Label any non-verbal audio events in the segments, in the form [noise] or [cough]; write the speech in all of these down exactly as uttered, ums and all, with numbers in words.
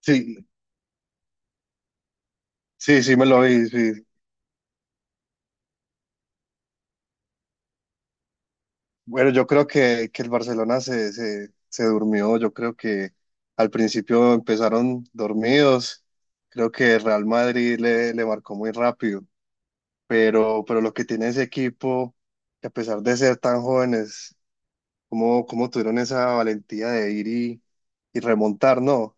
Sí, sí, sí, me lo vi, sí. Bueno, yo creo que, que el Barcelona se, se, se durmió, yo creo que al principio empezaron dormidos, creo que el Real Madrid le, le marcó muy rápido, pero, pero lo que tiene ese equipo, que a pesar de ser tan jóvenes, cómo, cómo tuvieron esa valentía de ir y, y remontar, ¿no?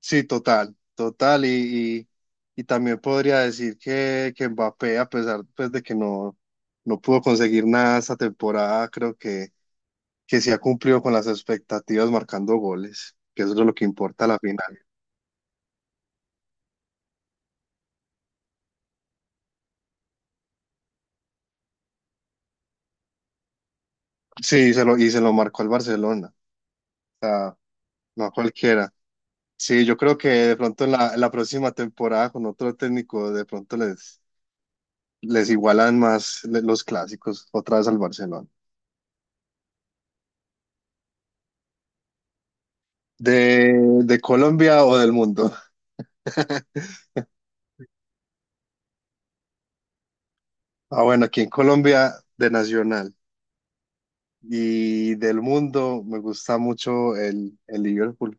Sí, total, total. Y, y, y también podría decir que, que Mbappé, a pesar pues, de que no, no pudo conseguir nada esta temporada, creo que, que sí ha cumplido con las expectativas marcando goles, que eso es lo que importa a la final. Sí, se lo, y se lo marcó al Barcelona, o sea, no a cualquiera. Sí, yo creo que de pronto en la, en la próxima temporada con otro técnico, de pronto les, les igualan más le- los clásicos otra vez al Barcelona. De, de Colombia o del mundo. Ah, bueno, aquí en Colombia de Nacional y del mundo me gusta mucho el, el Liverpool.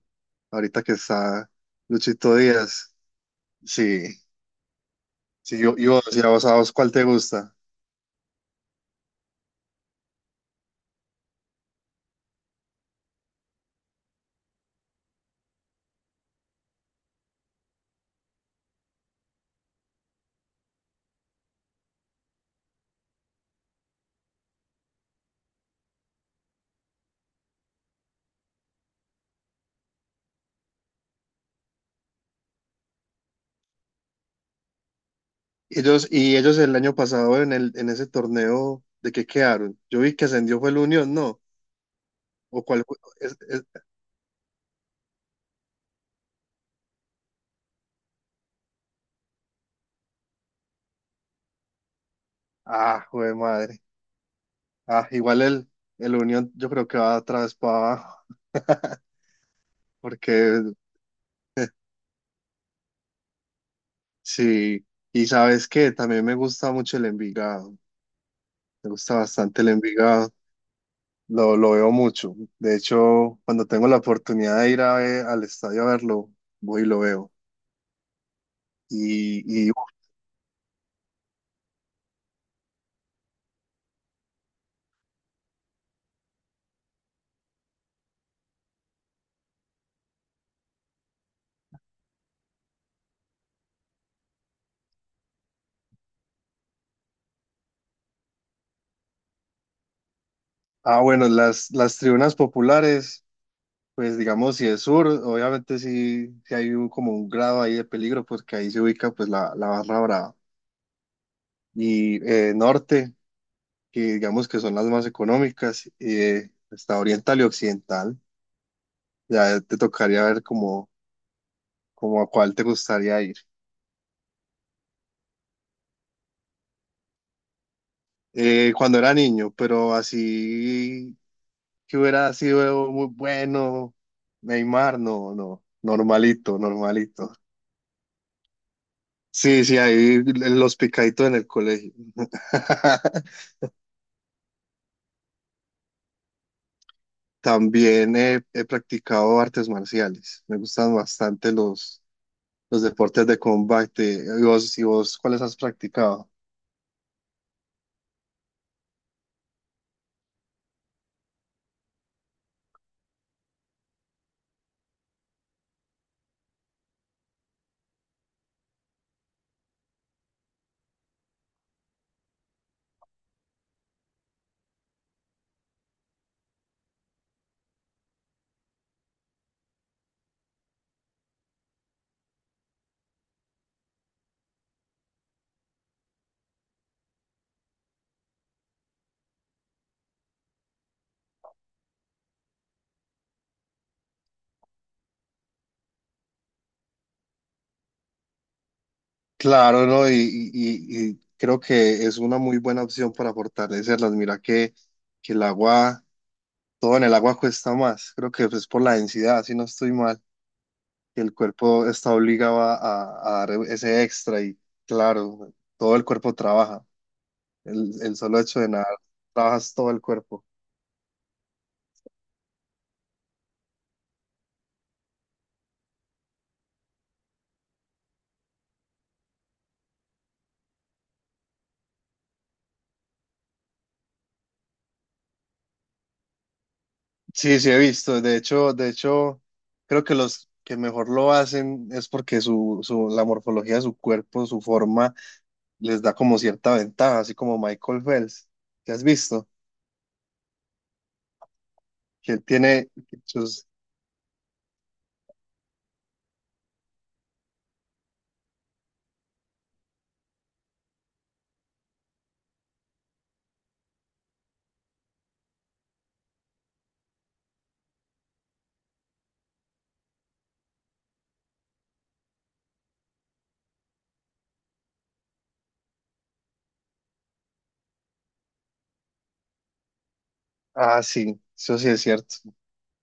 Ahorita que está Luchito Díaz. Sí, sí, yo, y vos, y a vos, a vos, ¿cuál te gusta? Ellos, y ellos el año pasado en el, en ese torneo, ¿de qué quedaron? Yo vi que ascendió fue el Unión, ¿no? ¿O cuál fue? Es- es- ah, joder, madre. Ah, igual el, el Unión yo creo que va otra vez para abajo, porque sí. Y sabes qué, también me gusta mucho el Envigado. Me gusta bastante el Envigado, lo, lo veo mucho. De hecho, cuando tengo la oportunidad de ir a ve- al estadio a verlo, voy y lo veo. Y, y ah, bueno, las, las tribunas populares, pues digamos, si es sur, obviamente sí, sí hay un- como un grado ahí de peligro, porque ahí se ubica pues la, la barra brava. Y eh, norte, que digamos que son las más económicas, eh, está oriental y occidental. Ya te tocaría ver como, como a cuál te gustaría ir. Eh, cuando era niño, pero así que hubiera sido muy bueno, Neymar, no, no, normalito, normalito. Sí, sí, ahí los picaditos en el colegio. [laughs] También he, he practicado artes marciales. Me gustan bastante los, los deportes de combate. ¿Y vos, y vos cuáles has practicado? Claro, ¿no? Y, y- y- y creo que es una muy buena opción para fortalecerlas. Mira que, que el agua todo en el agua cuesta más, creo que es por la densidad, si no estoy mal, que el cuerpo está obligado a, a dar ese extra y claro, todo el cuerpo trabaja, el, el solo hecho de nadar, trabajas todo el cuerpo. Sí, sí he visto, de hecho, de hecho, creo que los que mejor lo hacen es porque su, su, la morfología de su cuerpo, su forma, les da como cierta ventaja, así como Michael Phelps, ¿que has visto? Que él tiene sus... Ah, sí, eso sí es cierto.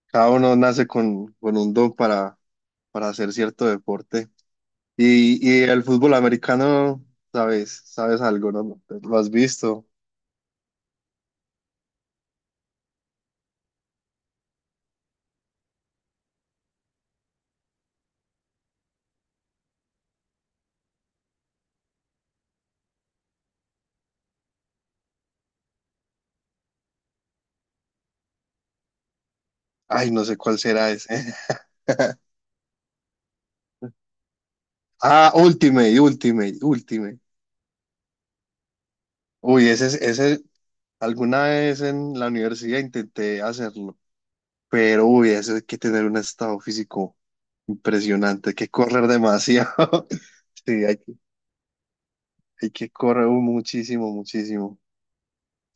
Cada uno nace con, con un don para, para hacer cierto deporte. Y, y el fútbol americano, sabes, sabes algo, ¿no? ¿Lo has visto? Ay, no sé cuál será ese. [laughs] Ah, Ultimate, Ultimate, Ultimate. Uy, ese, es- ese, alguna vez en la universidad intenté hacerlo, pero uy, eso hay que tener un estado físico impresionante, hay que correr demasiado. [laughs] Sí, hay, que- hay que correr muchísimo, muchísimo.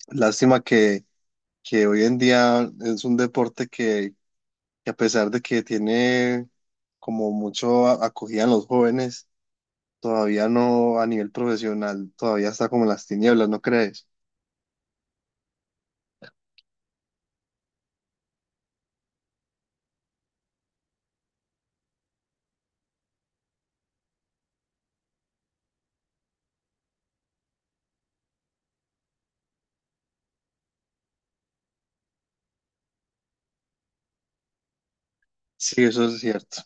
Lástima que que hoy en día es un deporte que, que a pesar de que tiene como mucho a- acogida en los jóvenes, todavía no a nivel profesional, todavía está como en las tinieblas, ¿no crees? Sí, eso es cierto.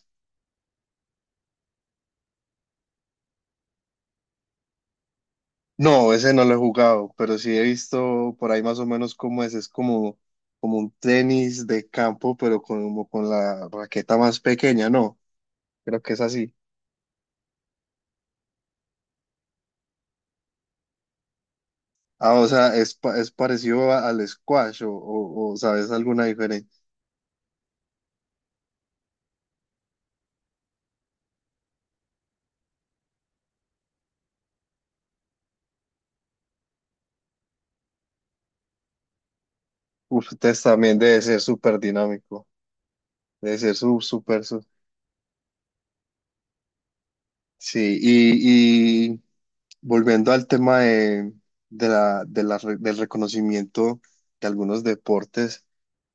No, ese no lo he jugado, pero sí he visto por ahí más o menos cómo es, es como, como un tenis de campo, pero como con la raqueta más pequeña, ¿no? Creo que es así. Ah, o sea, es, pa- es parecido a- al squash o, o o, ¿sabes alguna diferencia? Uf, entonces también debe ser súper dinámico, debe ser su- súper, su- sí, y, y volviendo al tema de, de la, de la re- del reconocimiento de algunos deportes,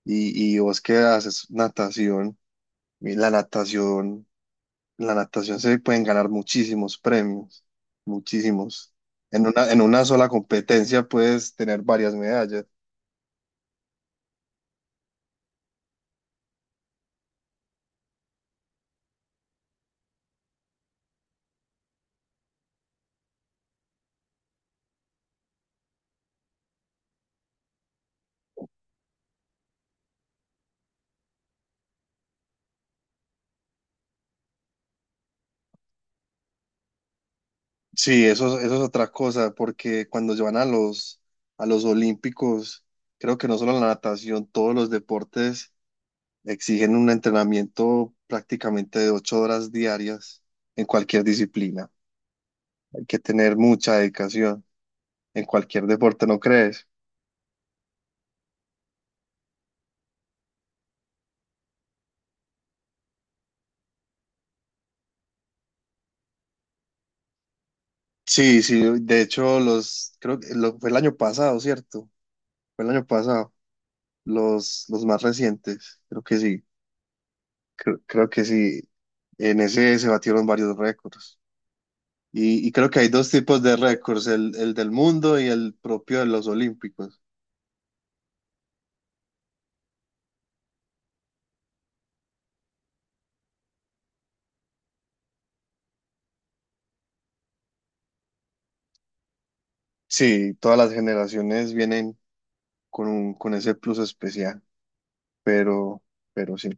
y, y vos que haces natación, y la natación, la natación se pueden ganar muchísimos premios, muchísimos. En una, en una sola competencia puedes tener varias medallas. Sí, eso, es- eso es otra cosa, porque cuando se van a los, a los olímpicos, creo que no solo la natación, todos los deportes exigen un entrenamiento prácticamente de ocho horas diarias en cualquier disciplina. Hay que tener mucha dedicación en cualquier deporte, ¿no crees? Sí, sí, de hecho, los, creo que lo- fue el año pasado, ¿cierto? Fue el año pasado, los, los más recientes, creo que sí, creo, creo que sí. En ese se batieron varios récords. Y, y creo que hay dos tipos de récords, el, el del mundo y el propio de los olímpicos. Sí, todas las generaciones vienen con un, con ese plus especial, pero, pero sí,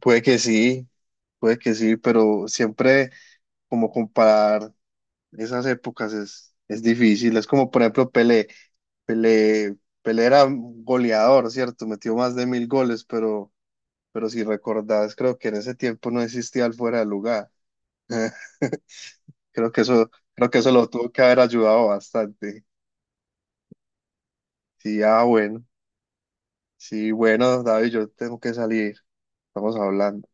puede que sí, puede que sí, pero siempre como comparar esas épocas es, es difícil. Es como, por ejemplo, Pelé. Pelé, Pelé era un goleador, ¿cierto? Metió más de mil goles, pero, pero si recordás, creo que en ese tiempo no existía el fuera de lugar. [laughs] Creo que eso, creo que eso lo tuvo que haber ayudado bastante. Sí, ah, bueno. Sí, bueno, David, yo tengo que salir. Estamos hablando.